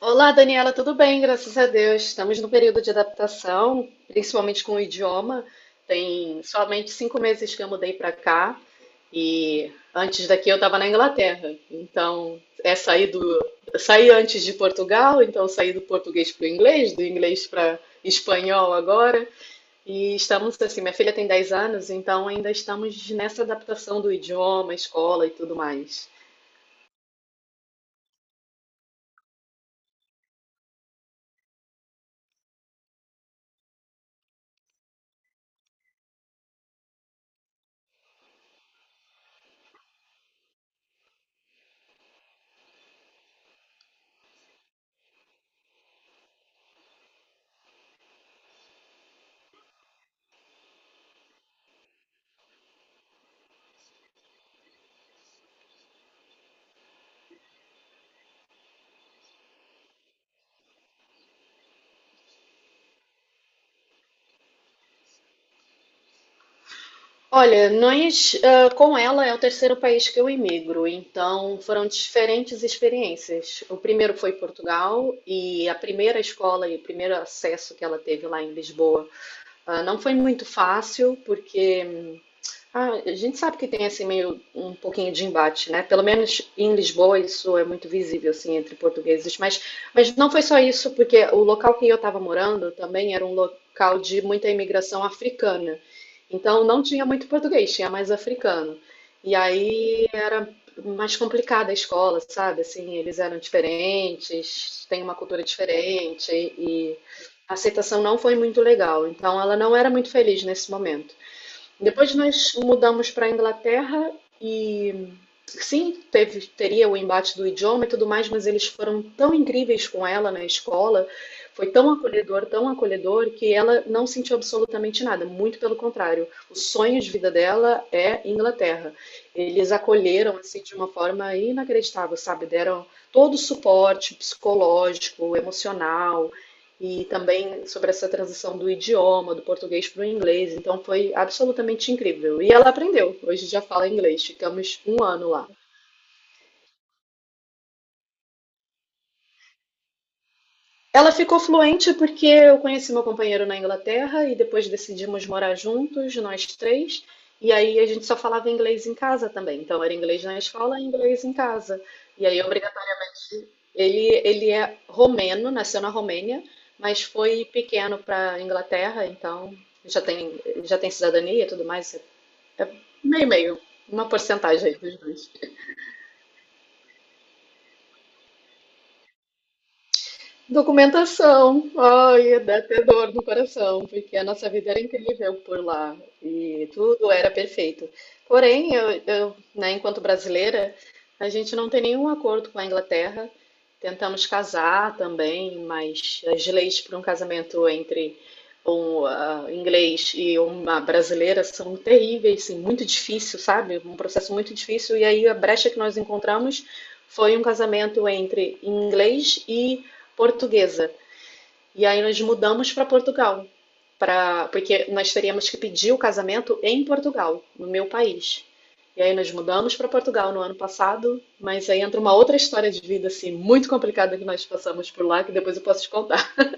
Olá, Daniela, tudo bem? Graças a Deus. Estamos no período de adaptação, principalmente com o idioma. Tem somente 5 meses que eu mudei para cá e antes daqui eu estava na Inglaterra. Então, é sair do... saí antes de Portugal, então saí do português para o inglês, do inglês para espanhol agora. E estamos assim, minha filha tem 10 anos, então ainda estamos nessa adaptação do idioma, escola e tudo mais. Olha, nós, com ela é o terceiro país que eu emigro, então foram diferentes experiências. O primeiro foi Portugal e a primeira escola e o primeiro acesso que ela teve lá em Lisboa não foi muito fácil, porque a gente sabe que tem assim meio um pouquinho de embate, né? Pelo menos em Lisboa isso é muito visível assim entre portugueses, mas não foi só isso, porque o local que eu estava morando também era um local de muita imigração africana. Então não tinha muito português, tinha mais africano. E aí era mais complicada a escola, sabe? Assim, eles eram diferentes, têm uma cultura diferente e a aceitação não foi muito legal. Então ela não era muito feliz nesse momento. Depois nós mudamos para a Inglaterra e sim, teve, teria o embate do idioma e tudo mais, mas eles foram tão incríveis com ela na escola, foi tão acolhedor, que ela não sentiu absolutamente nada, muito pelo contrário. O sonho de vida dela é Inglaterra. Eles acolheram assim de uma forma inacreditável, sabe? Deram todo o suporte psicológico, emocional, e também sobre essa transição do idioma, do português para o inglês. Então foi absolutamente incrível. E ela aprendeu, hoje já fala inglês, ficamos 1 ano lá. Ela ficou fluente porque eu conheci meu companheiro na Inglaterra e depois decidimos morar juntos, nós três. E aí a gente só falava inglês em casa também. Então era inglês na escola e inglês em casa. E aí, obrigatoriamente, ele é romeno, nasceu na Romênia, mas foi pequeno para a Inglaterra, então já tem cidadania e tudo mais. É. Meio, meio. Uma porcentagem aí dos dois. Documentação. Ai, dá até dor no coração, porque a nossa vida era incrível por lá e tudo era perfeito. Porém, né, enquanto brasileira, a gente não tem nenhum acordo com a Inglaterra. Tentamos casar também, mas as leis para um casamento entre um inglês e uma brasileira são terríveis, assim, muito difícil, sabe? Um processo muito difícil. E aí a brecha que nós encontramos foi um casamento entre inglês e portuguesa. E aí nós mudamos para Portugal, porque nós teríamos que pedir o casamento em Portugal, no meu país. E aí nós mudamos para Portugal no ano passado, mas aí entra uma outra história de vida assim muito complicada que nós passamos por lá, que depois eu posso te contar.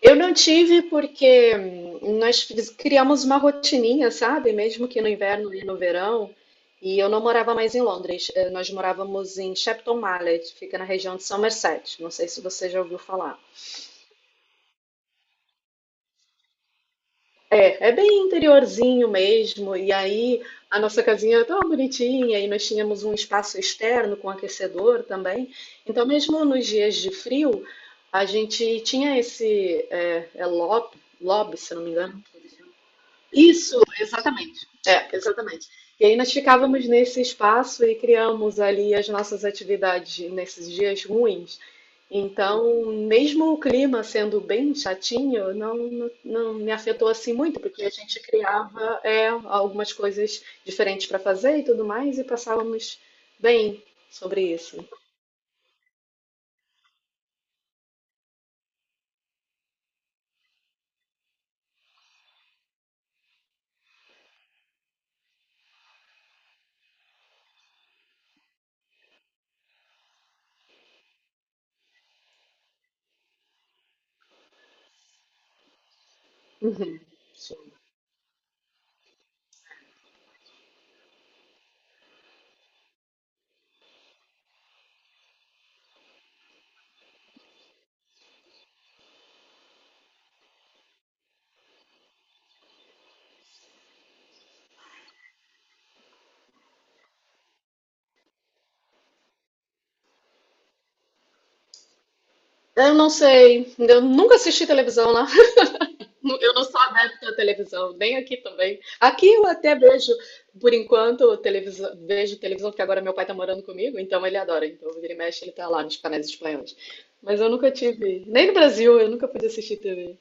Eu não tive porque nós criamos uma rotininha, sabe? Mesmo que no inverno e no verão, e eu não morava mais em Londres. Nós morávamos em Shepton Mallet, fica na região de Somerset. Não sei se você já ouviu falar. É, é bem interiorzinho mesmo. E aí a nossa casinha é tão bonitinha e nós tínhamos um espaço externo com aquecedor também. Então, mesmo nos dias de frio, a gente tinha esse lobby, se não me engano, isso, exatamente. É, exatamente. E aí nós ficávamos nesse espaço e criamos ali as nossas atividades nesses dias ruins. Então, mesmo o clima sendo bem chatinho, não me afetou assim muito, porque a gente criava algumas coisas diferentes para fazer e tudo mais, e passávamos bem sobre isso. Uhum. Eu não sei, eu nunca assisti televisão, né? Eu não sou adepta à televisão, nem aqui também. Aqui eu até vejo, por enquanto, televisão, vejo televisão, porque agora meu pai tá morando comigo, então ele adora. Então, vira e mexe, ele tá lá nos canais espanhóis. Mas eu nunca tive, nem no Brasil, eu nunca pude assistir TV.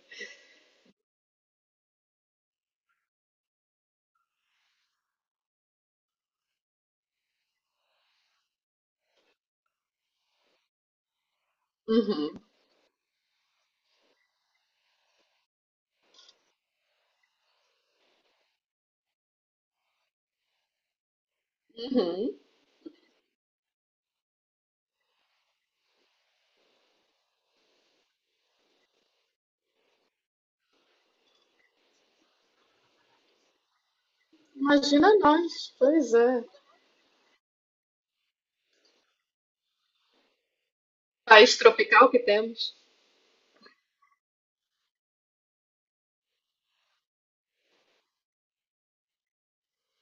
Uhum, uhum. Imagina nós, pois é. País tropical que temos.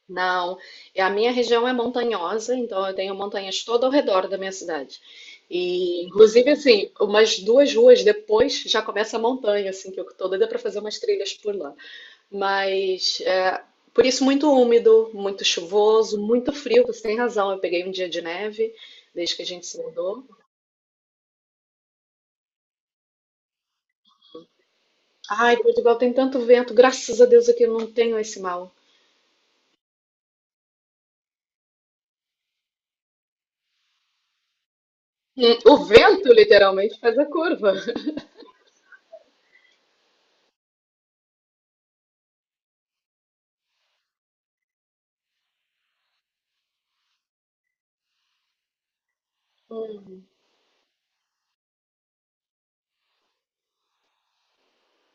Não, e a minha região é montanhosa, então eu tenho montanhas todo ao redor da minha cidade. E, inclusive, assim, umas duas ruas depois já começa a montanha, assim, que eu tô doida para fazer umas trilhas por lá. Mas, por isso, muito úmido, muito chuvoso, muito frio, você tem razão. Eu peguei um dia de neve desde que a gente se mudou. Ai, Portugal tem tanto vento, graças a Deus aqui eu não tenho esse mal. Hum. O vento, literalmente, faz a curva.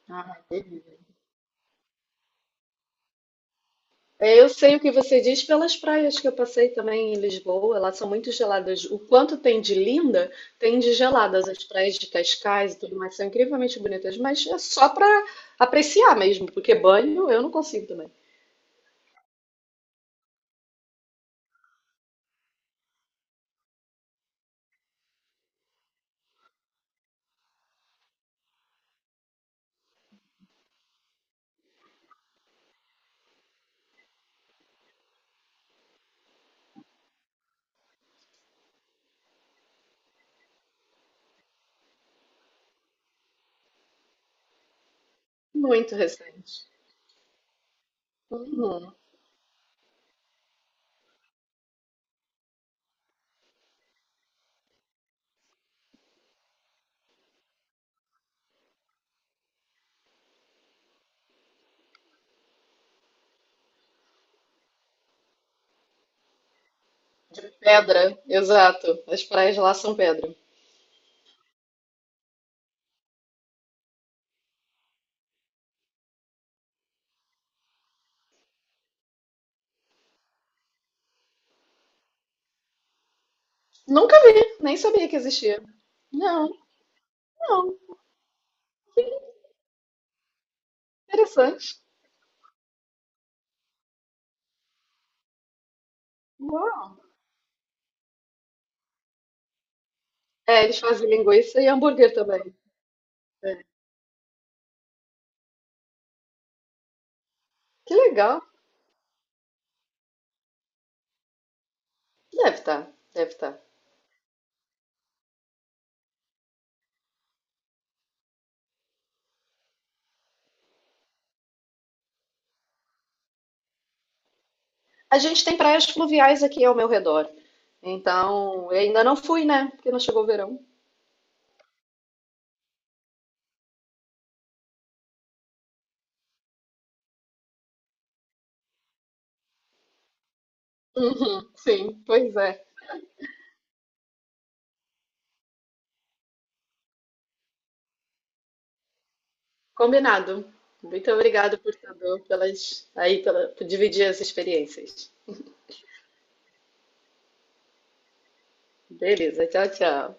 Ah, é, eu sei o que você diz pelas praias que eu passei também em Lisboa, elas são muito geladas. O quanto tem de linda, tem de geladas. As praias de Cascais e tudo mais são incrivelmente bonitas, mas é só para apreciar mesmo, porque banho eu não consigo também. Muito recente. Uhum. Pedra, exato. As praias lá são pedra. Nunca vi, nem sabia que existia. Não, não. Interessante. Uau. É, eles fazem linguiça e hambúrguer também. É. Que legal. Deve estar, deve estar. A gente tem praias fluviais aqui ao meu redor. Então, eu ainda não fui, né? Porque não chegou o verão. Uhum, sim, pois é. Combinado. Muito obrigado, portador, pelas aí pela, por dividir as experiências. Beleza, tchau, tchau.